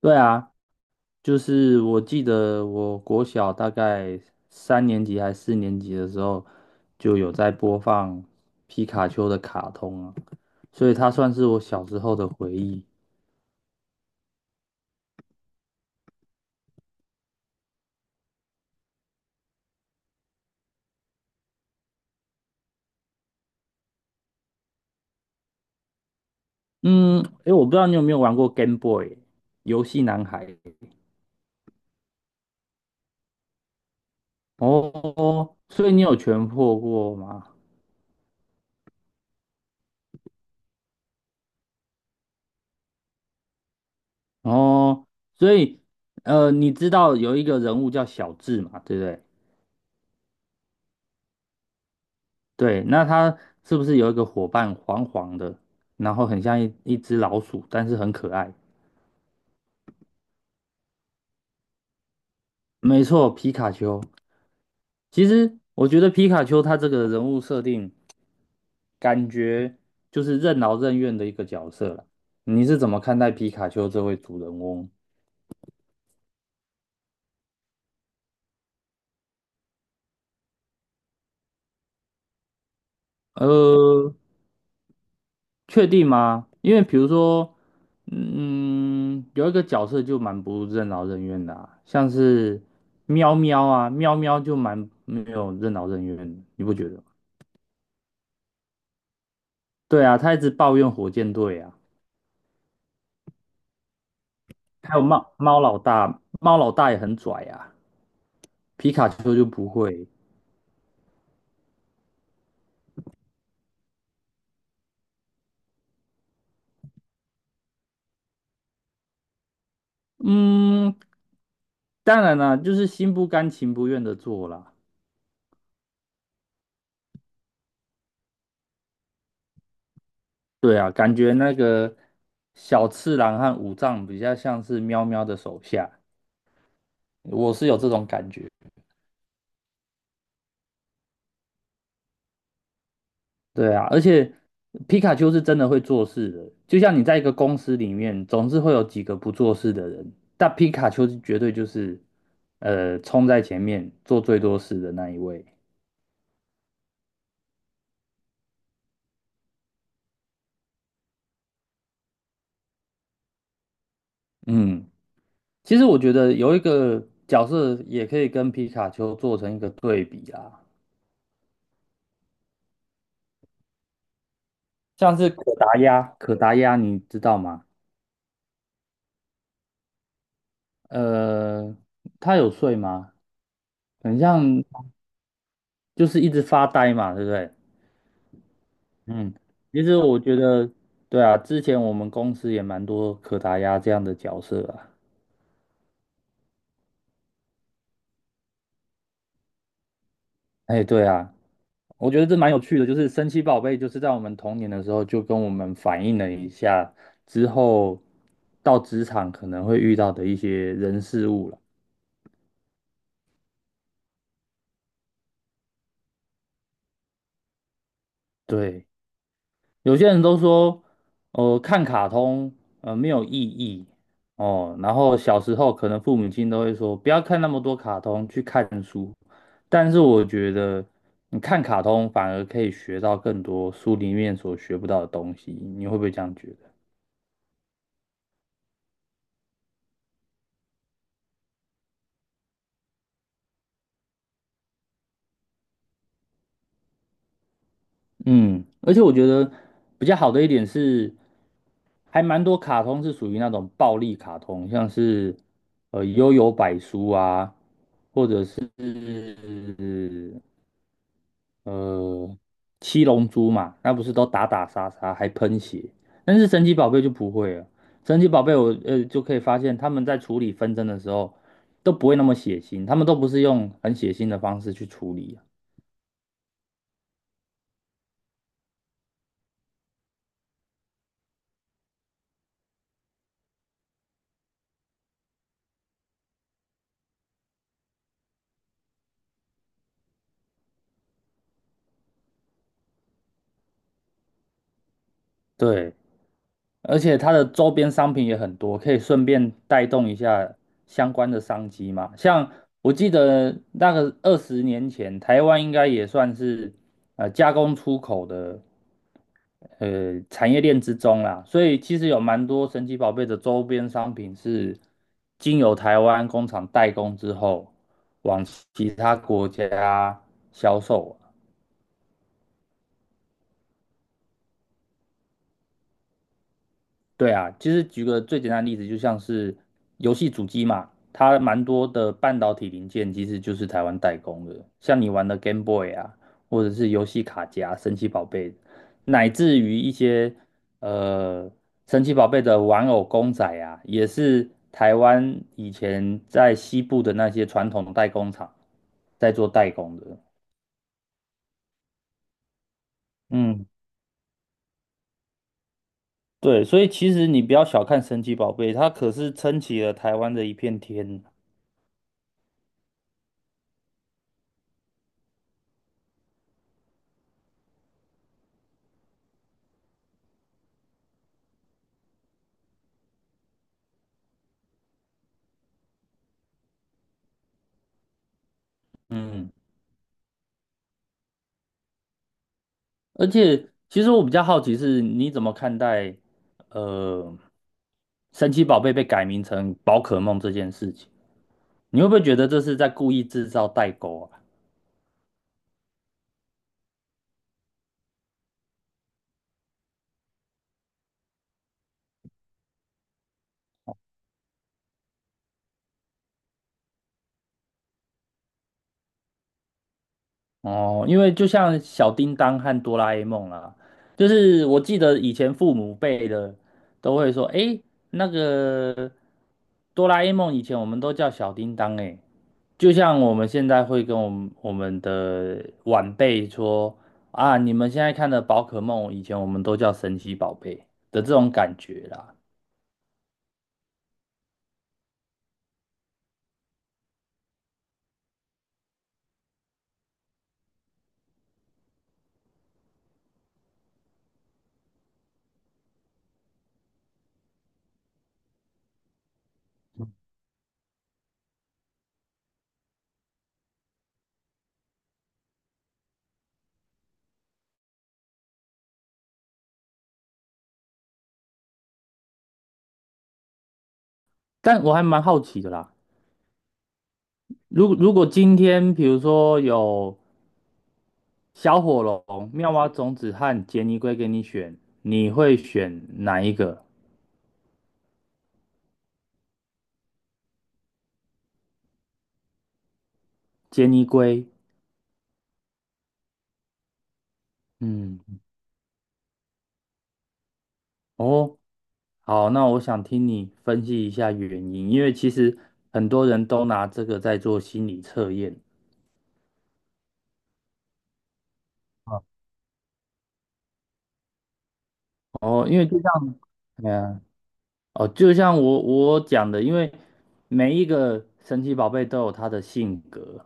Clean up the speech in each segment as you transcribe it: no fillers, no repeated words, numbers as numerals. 对啊，就是我记得我国小大概三年级还四年级的时候，就有在播放皮卡丘的卡通啊，所以它算是我小时候的回忆。嗯，诶，我不知道你有没有玩过 Game Boy 游戏男孩哦，所以你有全破过吗？哦，所以你知道有一个人物叫小智嘛，对不对？对，那他是不是有一个伙伴黄黄的，然后很像一只老鼠，但是很可爱？没错，皮卡丘。其实我觉得皮卡丘它这个人物设定，感觉就是任劳任怨的一个角色了。你是怎么看待皮卡丘这位主人翁？呃，确定吗？因为比如说，有一个角色就蛮不任劳任怨的啊像是喵喵啊，喵喵就蛮没有任劳任怨的，你不觉得吗？对啊，他一直抱怨火箭队啊，还有猫猫老大，猫老大也很拽啊，皮卡丘就不会。嗯，当然啦，就是心不甘情不愿的做啦。对啊，感觉那个小次郎和武藏比较像是喵喵的手下，我是有这种感觉。对啊，而且皮卡丘是真的会做事的，就像你在一个公司里面，总是会有几个不做事的人，但皮卡丘是绝对就是，冲在前面做最多事的那一位。嗯，其实我觉得有一个角色也可以跟皮卡丘做成一个对比啦，像是可达鸭，可达鸭你知道吗？呃，它有睡吗？很像就是一直发呆嘛，对不对？嗯，其实我觉得，对啊，之前我们公司也蛮多可达鸭这样的角色啊。哎，对啊，我觉得这蛮有趣的，就是神奇宝贝，就是在我们童年的时候就跟我们反映了一下之后到职场可能会遇到的一些人事物了。对。有些人都说，看卡通，没有意义哦。然后小时候可能父母亲都会说，不要看那么多卡通，去看书。但是我觉得，你看卡通反而可以学到更多书里面所学不到的东西。你会不会这样觉得？嗯，而且我觉得比较好的一点是，还蛮多卡通是属于那种暴力卡通，像是《幽游白书》啊。是呃，七龙珠嘛，那不是都打打杀杀还喷血，但是神奇宝贝就不会了。神奇宝贝我就可以发现他们在处理纷争的时候都不会那么血腥，他们都不是用很血腥的方式去处理啊。对，而且它的周边商品也很多，可以顺便带动一下相关的商机嘛。像我记得那个20年前，台湾应该也算是加工出口的。产业链之中啦，所以其实有蛮多神奇宝贝的周边商品是经由台湾工厂代工之后，往其他国家销售。对啊，其实举个最简单的例子，就像是游戏主机嘛，它蛮多的半导体零件其实就是台湾代工的。像你玩的 Game Boy 啊，或者是游戏卡夹、神奇宝贝，乃至于一些呃神奇宝贝的玩偶公仔啊，也是台湾以前在西部的那些传统代工厂在做代工的。嗯，对，所以其实你不要小看神奇宝贝，它可是撑起了台湾的一片天。嗯。而且，其实我比较好奇是，你怎么看待呃，神奇宝贝被改名成宝可梦这件事情？你会不会觉得这是在故意制造代沟啊？哦，因为就像小叮当和哆啦 A 梦啦，就是我记得以前父母辈的都会说，诶，那个哆啦 A 梦以前我们都叫小叮当，诶。就像我们现在会跟我们的晚辈说啊，你们现在看的宝可梦，以前我们都叫神奇宝贝的这种感觉啦。但我还蛮好奇的啦，如果今天比如说有小火龙、妙蛙种子和杰尼龟给你选，你会选哪一个？杰尼龟，嗯，哦，好，那我想听你分析一下原因，因为其实很多人都拿这个在做心理测验。哦，因为就像，哎呀，哦，就像我讲的，因为每一个神奇宝贝都有它的性格，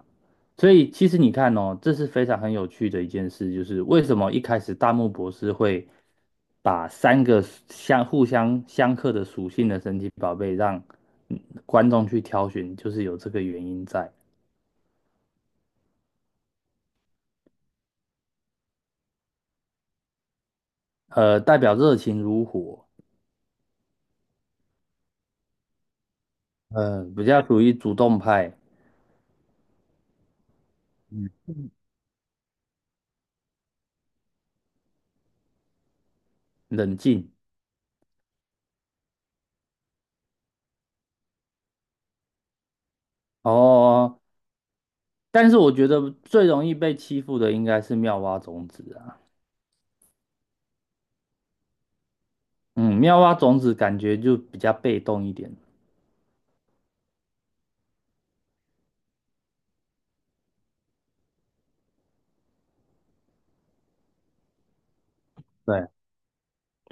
所以其实你看哦，这是非常很有趣的一件事，就是为什么一开始大木博士会把三个相互相克的属性的神奇宝贝让嗯观众去挑选，就是有这个原因在。代表热情如火，比较属于主动派，冷静。哦，但是我觉得最容易被欺负的应该是妙蛙种子啊，嗯，妙蛙种子感觉就比较被动一点。对，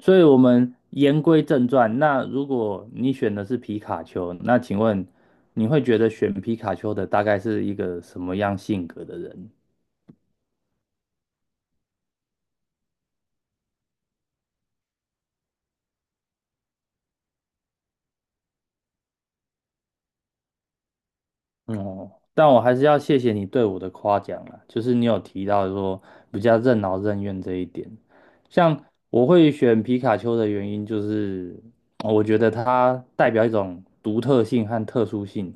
所以我们言归正传，那如果你选的是皮卡丘，那请问你会觉得选皮卡丘的大概是一个什么样性格的人？哦，但我还是要谢谢你对我的夸奖啦，就是你有提到说比较任劳任怨这一点。像我会选皮卡丘的原因，就是我觉得它代表一种独特性和特殊性，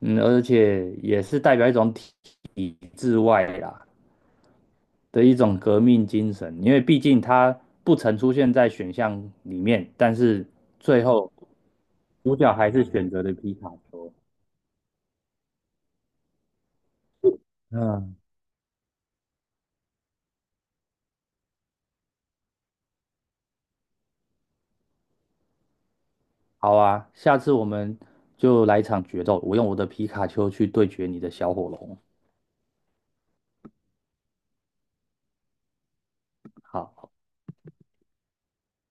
而且也是代表一种体制外啦的一种革命精神，因为毕竟它不曾出现在选项里面，但是最后主角还是选择了皮卡丘。嗯，好啊，下次我们就来一场决斗，我用我的皮卡丘去对决你的小火龙。好。